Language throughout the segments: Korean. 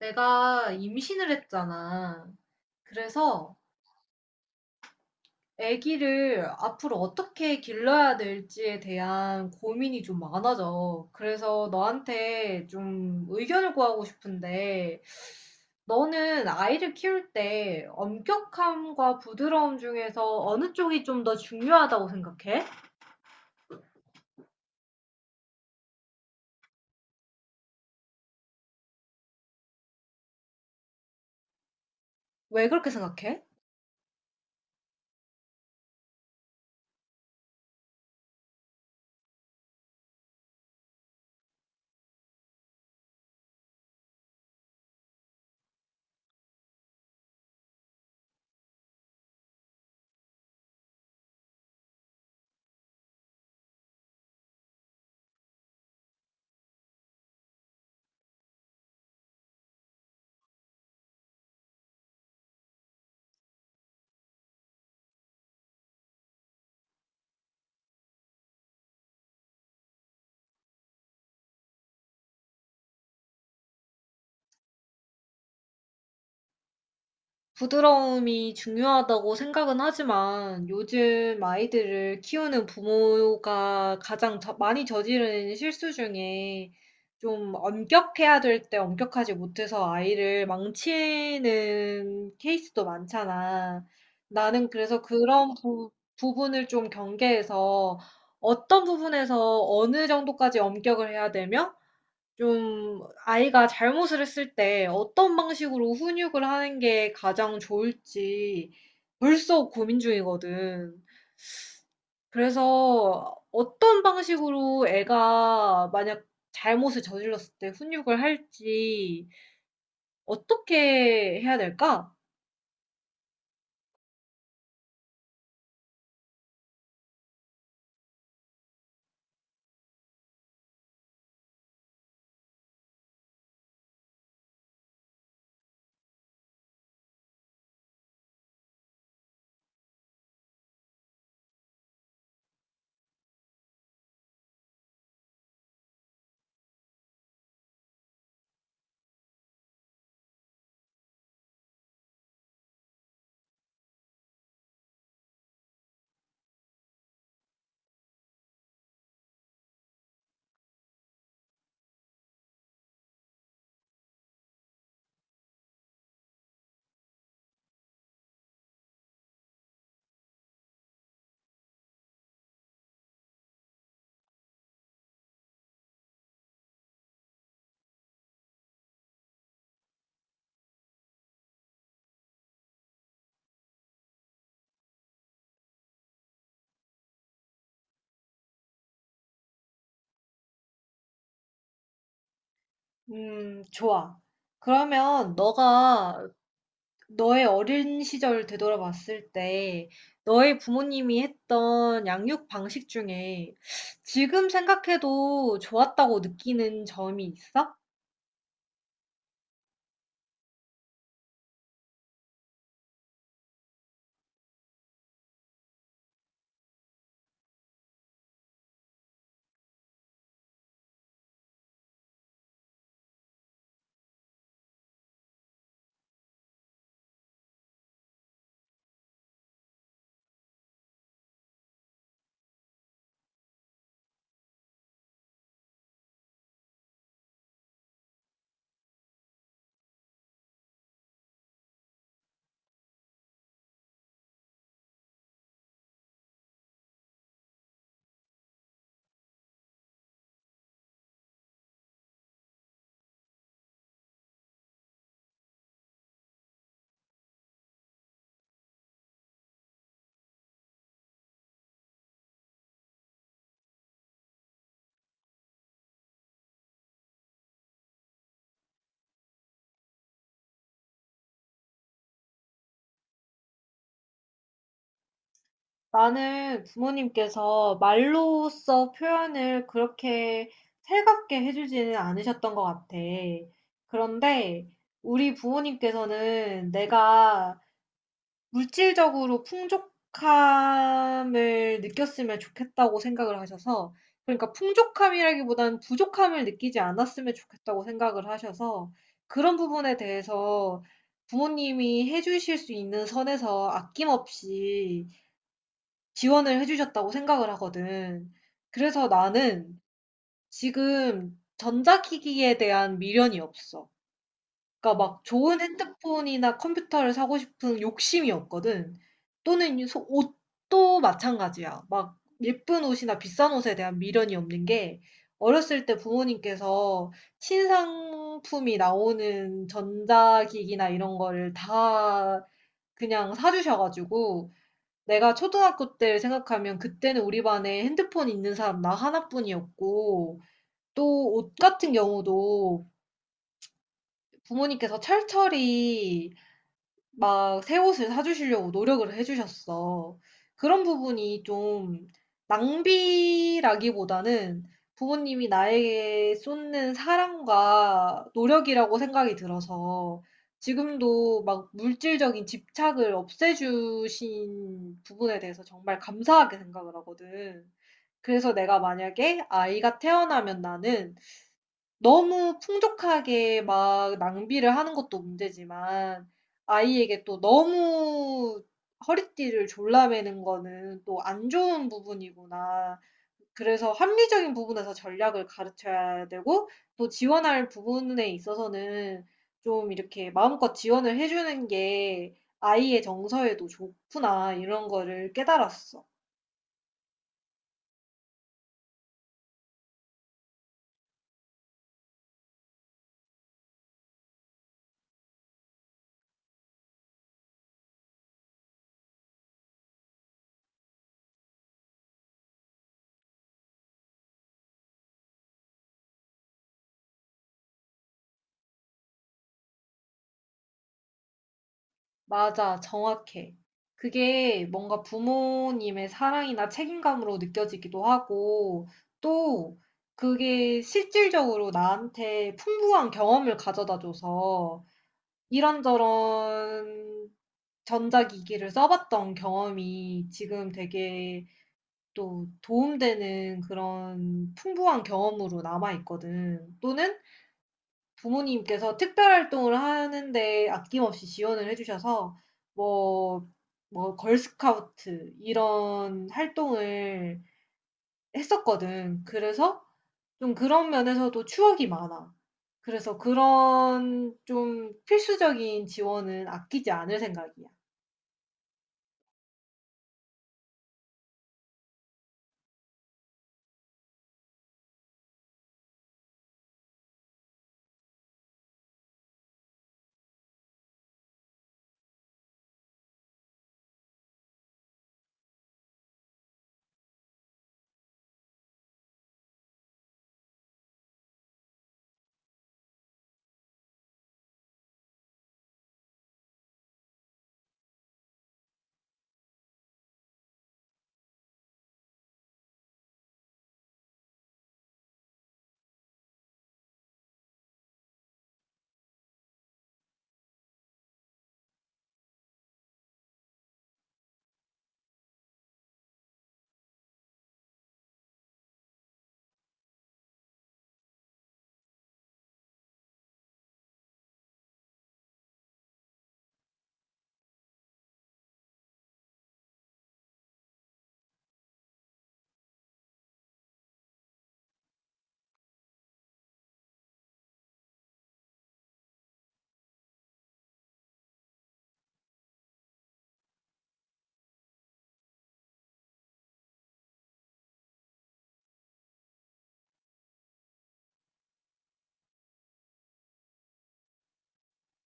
내가 임신을 했잖아. 그래서 아기를 앞으로 어떻게 길러야 될지에 대한 고민이 좀 많아져. 그래서 너한테 좀 의견을 구하고 싶은데, 너는 아이를 키울 때 엄격함과 부드러움 중에서 어느 쪽이 좀 더 중요하다고 생각해? 왜 그렇게 생각해? 부드러움이 중요하다고 생각은 하지만 요즘 아이들을 키우는 부모가 가장 많이 저지르는 실수 중에 좀 엄격해야 될 때 엄격하지 못해서 아이를 망치는 케이스도 많잖아. 나는 그래서 부분을 좀 경계해서 어떤 부분에서 어느 정도까지 엄격을 해야 되며 좀 아이가 잘못을 했을 때 어떤 방식으로 훈육을 하는 게 가장 좋을지 벌써 고민 중이거든. 그래서 어떤 방식으로 애가 만약 잘못을 저질렀을 때 훈육을 할지 어떻게 해야 될까? 좋아. 그러면 너가 너의 어린 시절 되돌아봤을 때 너의 부모님이 했던 양육 방식 중에 지금 생각해도 좋았다고 느끼는 점이 있어? 나는 부모님께서 말로써 표현을 그렇게 살갑게 해주지는 않으셨던 것 같아. 그런데 우리 부모님께서는 내가 물질적으로 풍족함을 느꼈으면 좋겠다고 생각을 하셔서, 그러니까 풍족함이라기보다는 부족함을 느끼지 않았으면 좋겠다고 생각을 하셔서 그런 부분에 대해서 부모님이 해 주실 수 있는 선에서 아낌없이 지원을 해 주셨다고 생각을 하거든. 그래서 나는 지금 전자기기에 대한 미련이 없어. 그러니까 막 좋은 핸드폰이나 컴퓨터를 사고 싶은 욕심이 없거든. 또는 이 소 옷도 마찬가지야. 막 예쁜 옷이나 비싼 옷에 대한 미련이 없는 게 어렸을 때 부모님께서 신상품이 나오는 전자기기나 이런 거를 다 그냥 사 주셔 가지고, 내가 초등학교 때를 생각하면 그때는 우리 반에 핸드폰 있는 사람 나 하나뿐이었고, 또 옷 같은 경우도 부모님께서 철철히 막 새 옷을 사주시려고 노력을 해주셨어. 그런 부분이 좀 낭비라기보다는 부모님이 나에게 쏟는 사랑과 노력이라고 생각이 들어서 지금도 막 물질적인 집착을 없애주신 부분에 대해서 정말 감사하게 생각을 하거든. 그래서 내가 만약에 아이가 태어나면 나는 너무 풍족하게 막 낭비를 하는 것도 문제지만 아이에게 또 너무 허리띠를 졸라매는 거는 또 안 좋은 부분이구나. 그래서 합리적인 부분에서 전략을 가르쳐야 되고 또 지원할 부분에 있어서는 좀 이렇게 마음껏 지원을 해주는 게 아이의 정서에도 좋구나 이런 거를 깨달았어. 맞아, 정확해. 그게 뭔가 부모님의 사랑이나 책임감으로 느껴지기도 하고, 또 그게 실질적으로 나한테 풍부한 경험을 가져다 줘서, 이런저런 전자기기를 써봤던 경험이 지금 되게 또 도움되는 그런 풍부한 경험으로 남아있거든. 또는 부모님께서 특별 활동을 하는데 아낌없이 지원을 해 주셔서 뭐 뭐 걸스카우트 이런 활동을 했었거든. 그래서 좀 그런 면에서도 추억이 많아. 그래서 그런 좀 필수적인 지원은 아끼지 않을 생각이야.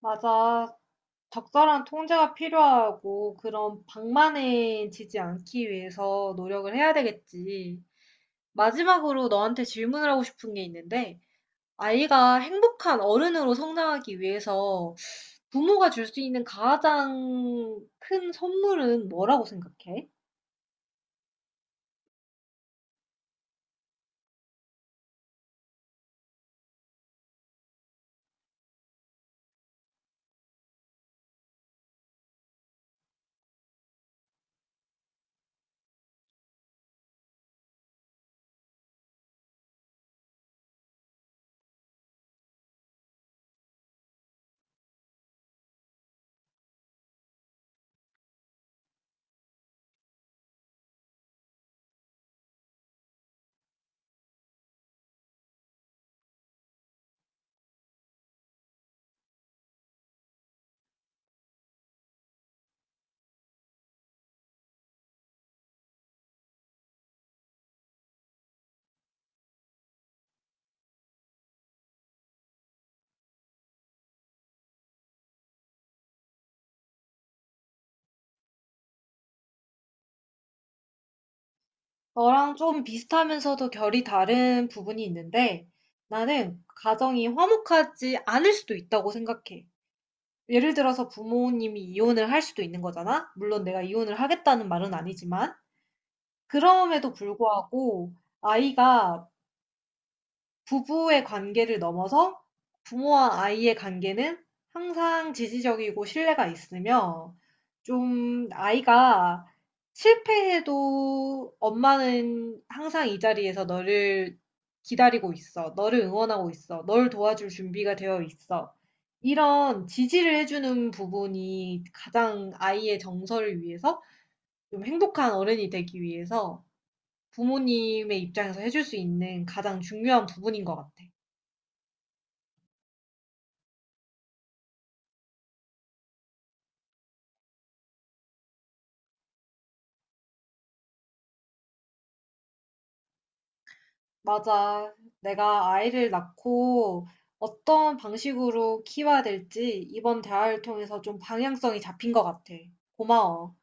맞아. 적절한 통제가 필요하고 그런 방만해지지 않기 위해서 노력을 해야 되겠지. 마지막으로 너한테 질문을 하고 싶은 게 있는데 아이가 행복한 어른으로 성장하기 위해서 부모가 줄 수 있는 가장 큰 선물은 뭐라고 생각해? 너랑 좀 비슷하면서도 결이 다른 부분이 있는데 나는 가정이 화목하지 않을 수도 있다고 생각해. 예를 들어서 부모님이 이혼을 할 수도 있는 거잖아? 물론 내가 이혼을 하겠다는 말은 아니지만. 그럼에도 불구하고 아이가 부부의 관계를 넘어서 부모와 아이의 관계는 항상 지지적이고 신뢰가 있으며 좀 아이가 실패해도 엄마는 항상 이 자리에서 너를 기다리고 있어. 너를 응원하고 있어. 널 도와줄 준비가 되어 있어. 이런 지지를 해주는 부분이 가장 아이의 정서를 위해서 좀 행복한 어른이 되기 위해서 부모님의 입장에서 해줄 수 있는 가장 중요한 부분인 것 같아. 맞아. 내가 아이를 낳고 어떤 방식으로 키워야 될지 이번 대화를 통해서 좀 방향성이 잡힌 것 같아. 고마워.